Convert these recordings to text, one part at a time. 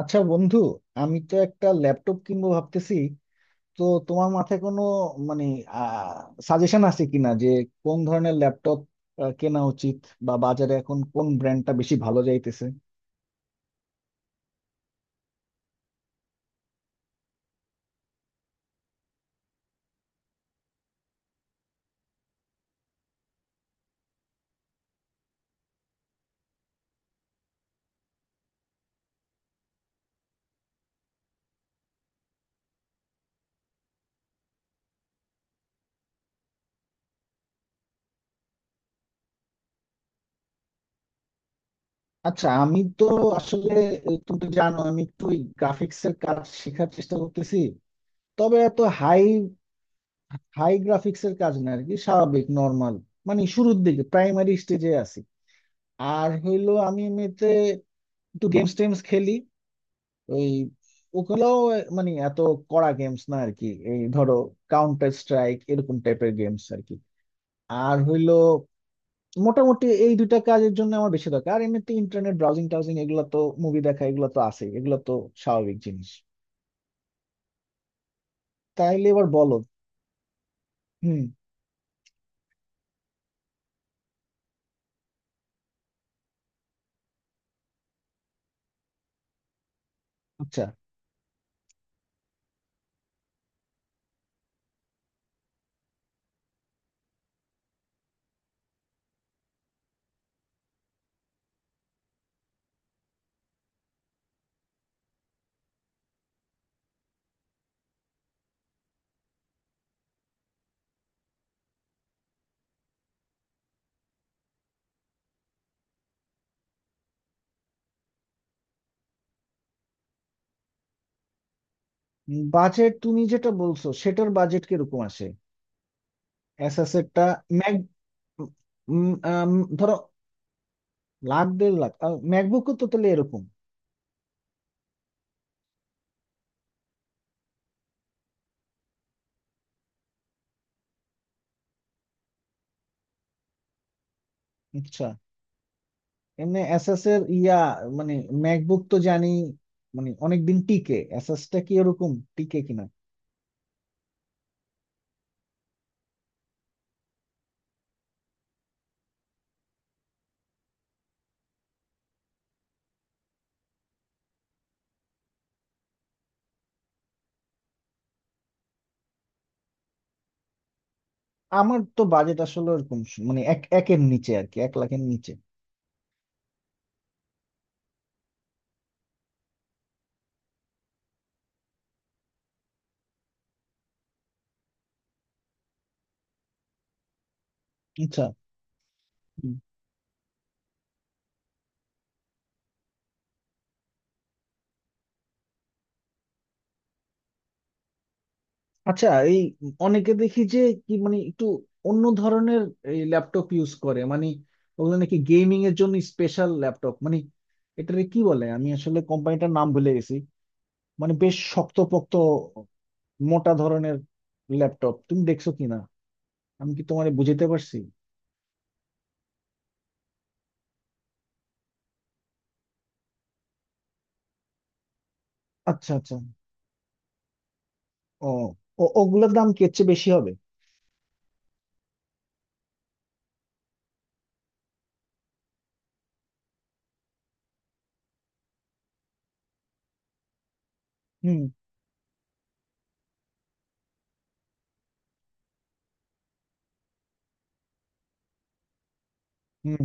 আচ্ছা বন্ধু, আমি তো একটা ল্যাপটপ কিনবো ভাবতেছি। তো তোমার মাথায় কোনো মানে সাজেশন আছে কিনা যে কোন ধরনের ল্যাপটপ কেনা উচিত, বা বাজারে এখন কোন ব্র্যান্ডটা বেশি ভালো যাইতেছে? আচ্ছা, আমি তো আসলে, তুমি তো জানো আমি একটু গ্রাফিক্স এর কাজ শেখার চেষ্টা করতেছি। তবে এত হাই হাই গ্রাফিক্স এর কাজ না আর কি, স্বাভাবিক নর্মাল। মানে শুরুর দিকে প্রাইমারি স্টেজে আছি। আর হইলো আমি এমনিতে একটু গেমস টেমস খেলি। ওই ওগুলোও মানে এত কড়া গেমস না আর কি। এই ধরো, কাউন্টার স্ট্রাইক এরকম টাইপের গেমস আর কি। আর হইলো মোটামুটি এই দুইটা কাজের জন্য আমার বেশি দরকার। আর এমনিতে ইন্টারনেট ব্রাউজিং টাউজিং এগুলো তো, মুভি দেখা এগুলো তো আছে, এগুলো তো স্বাভাবিক জিনিস। তাইলে এবার বলো। হুম। আচ্ছা। বাজেট, তুমি যেটা বলছো সেটার বাজেট কিরকম আসে অ্যাসাসেটটা? ম্যাক উম, আম, ধরো, লাখ দেড় লাখ? আর ম্যাকবুকও তো তাহলে এরকম? আচ্ছা, এমনি এসএস এর ইয়া মানে, ম্যাকবুক তো জানি মানে অনেকদিন টিকে, এসএস টা কি ওরকম টিকে কিনা? আমার তো বাজেট আসলে ওরকম মানে একের নিচে আর কি, এক লাখের নিচে। আচ্ছা। হুম। আচ্ছা এই, অনেকে দেখি যে কি মানে একটু অন্য ধরনের এই ল্যাপটপ ইউজ করে মানে, ওগুলো নাকি গেমিং এর জন্য স্পেশাল ল্যাপটপ মানে, এটারে কি বলে, আমি আসলে কোম্পানিটার নাম ভুলে গেছি। মানে বেশ শক্তপোক্ত মোটা ধরনের ল্যাপটপ তুমি দেখছো কিনা? আমি কি তোমারে বুঝাতে পারছি? আচ্ছা, আচ্ছা। ও, ও, ওগুলোর দাম কি এর চেয়ে বেশি হবে? হুম, হুম।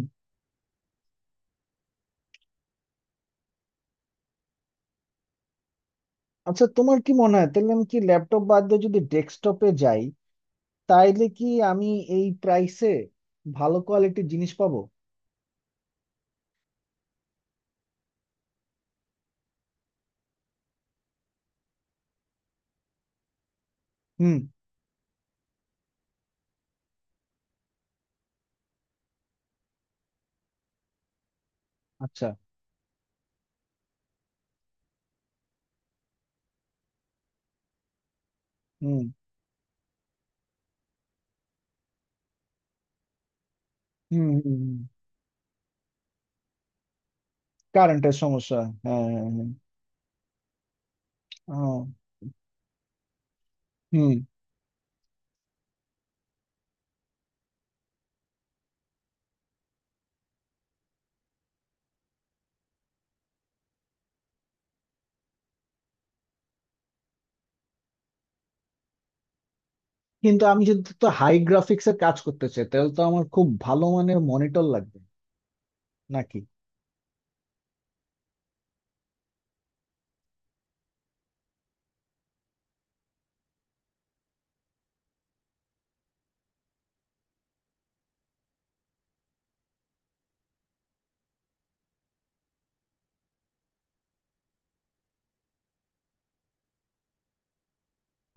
আচ্ছা তোমার কি মনে হয় তাহলে, আমি কি ল্যাপটপ বাদ দিয়ে যদি ডেস্কটপে যাই, তাইলে কি আমি এই প্রাইসে ভালো কোয়ালিটির জিনিস পাবো? হুম। আচ্ছা। হুম, হুম, হুম। কারেন্টের সমস্যা। হ্যাঁ, হ্যাঁ, হ্যাঁ। আহ, হুম। কিন্তু আমি যদি তো হাই গ্রাফিক্স এর কাজ করতে চাই, তাহলে তো আমার খুব ভালো মানের মনিটর লাগবে, নাকি?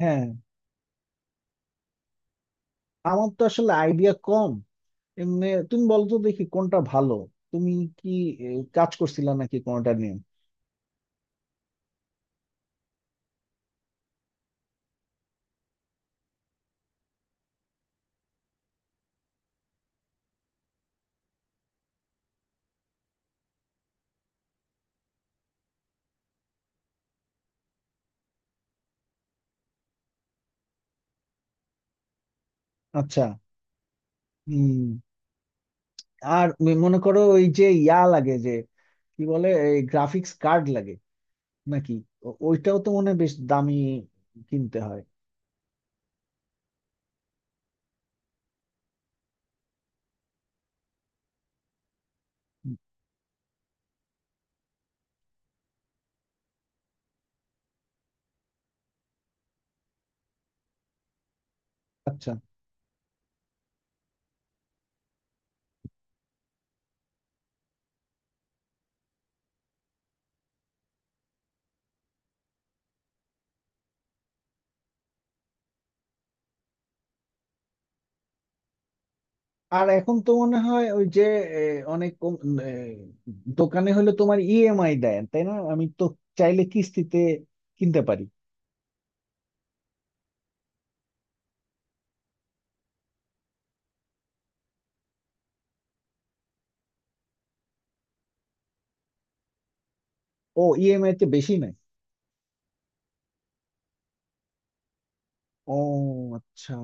হ্যাঁ। আমার তো আসলে আইডিয়া কম। এমনি তুমি বলো তো দেখি কোনটা ভালো। তুমি কি এ, কাজ করছিলা নাকি কোনটা নিয়ে? আচ্ছা। হম। আর মনে করো, ওই যে ইয়া লাগে, যে কি বলে, গ্রাফিক্স কার্ড লাগে নাকি? ওইটাও তো মনে হয় বেশ দামি কিনতে হয়। হুম। আচ্ছা। আর এখন তো মনে হয় ওই যে, এ, অনেক এ, দোকানে হলে তোমার ইএমআই দেয় তাই না? আমি তো চাইলে কিস্তিতে কিনতে পারি। ও, ইএমআই তে বেশি নাই? ও আচ্ছা।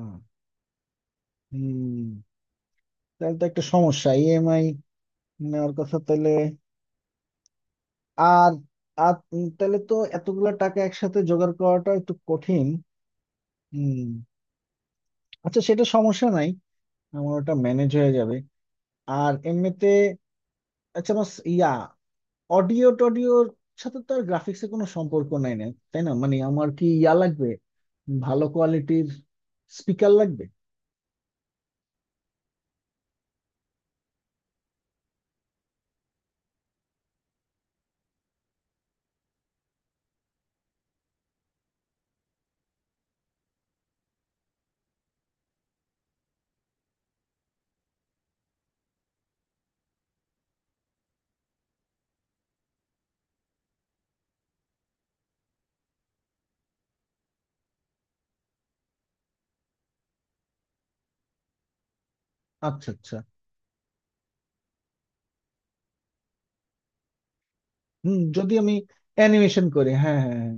হুম। তাহলে তো একটা সমস্যা, ইএমআই নেওয়ার কথা তাহলে। আর আর তাহলে তো এতগুলা টাকা একসাথে জোগাড় করাটা একটু কঠিন। হুম। আচ্ছা, সেটা সমস্যা নাই, আমার ওটা ম্যানেজ হয়ে যাবে। আর এমনিতে, আচ্ছা আমার ইয়া অডিও টডিওর সাথে তো আর গ্রাফিক্স এর কোনো সম্পর্ক নাই না? তাই না? মানে আমার কি ইয়া লাগবে, ভালো কোয়ালিটির স্পিকার লাগবে? আচ্ছা, আচ্ছা। হুম। যদি আমি অ্যানিমেশন করি, হ্যাঁ, হ্যাঁ, হ্যাঁ।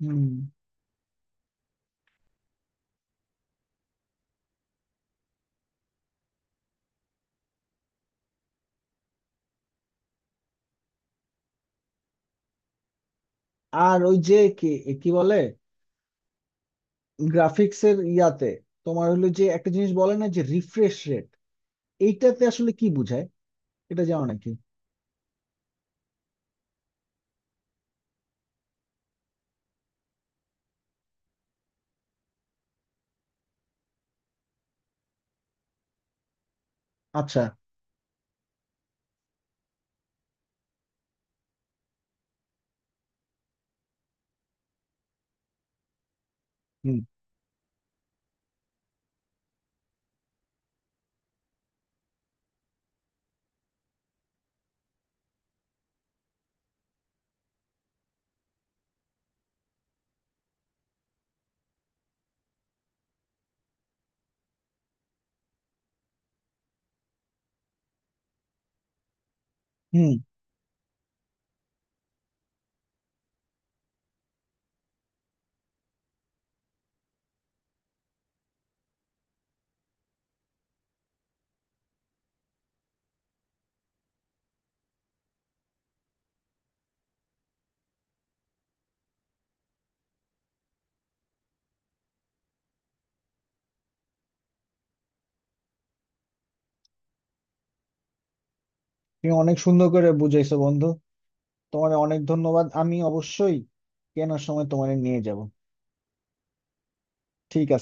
হুম। আর ওই যে কি কি বলে, গ্রাফিক্স এর ইয়াতে তোমার হলো যে একটা জিনিস বলে না, যে রিফ্রেশ রেট, এইটাতে আসলে কি বুঝায়, এটা জানো নাকি? আচ্ছা, হুম, হুম। তুমি অনেক সুন্দর করে বুঝাইছো বন্ধু। তোমার অনেক ধন্যবাদ, আমি অবশ্যই কেনার সময় তোমারে নিয়ে যাব, ঠিক আছে?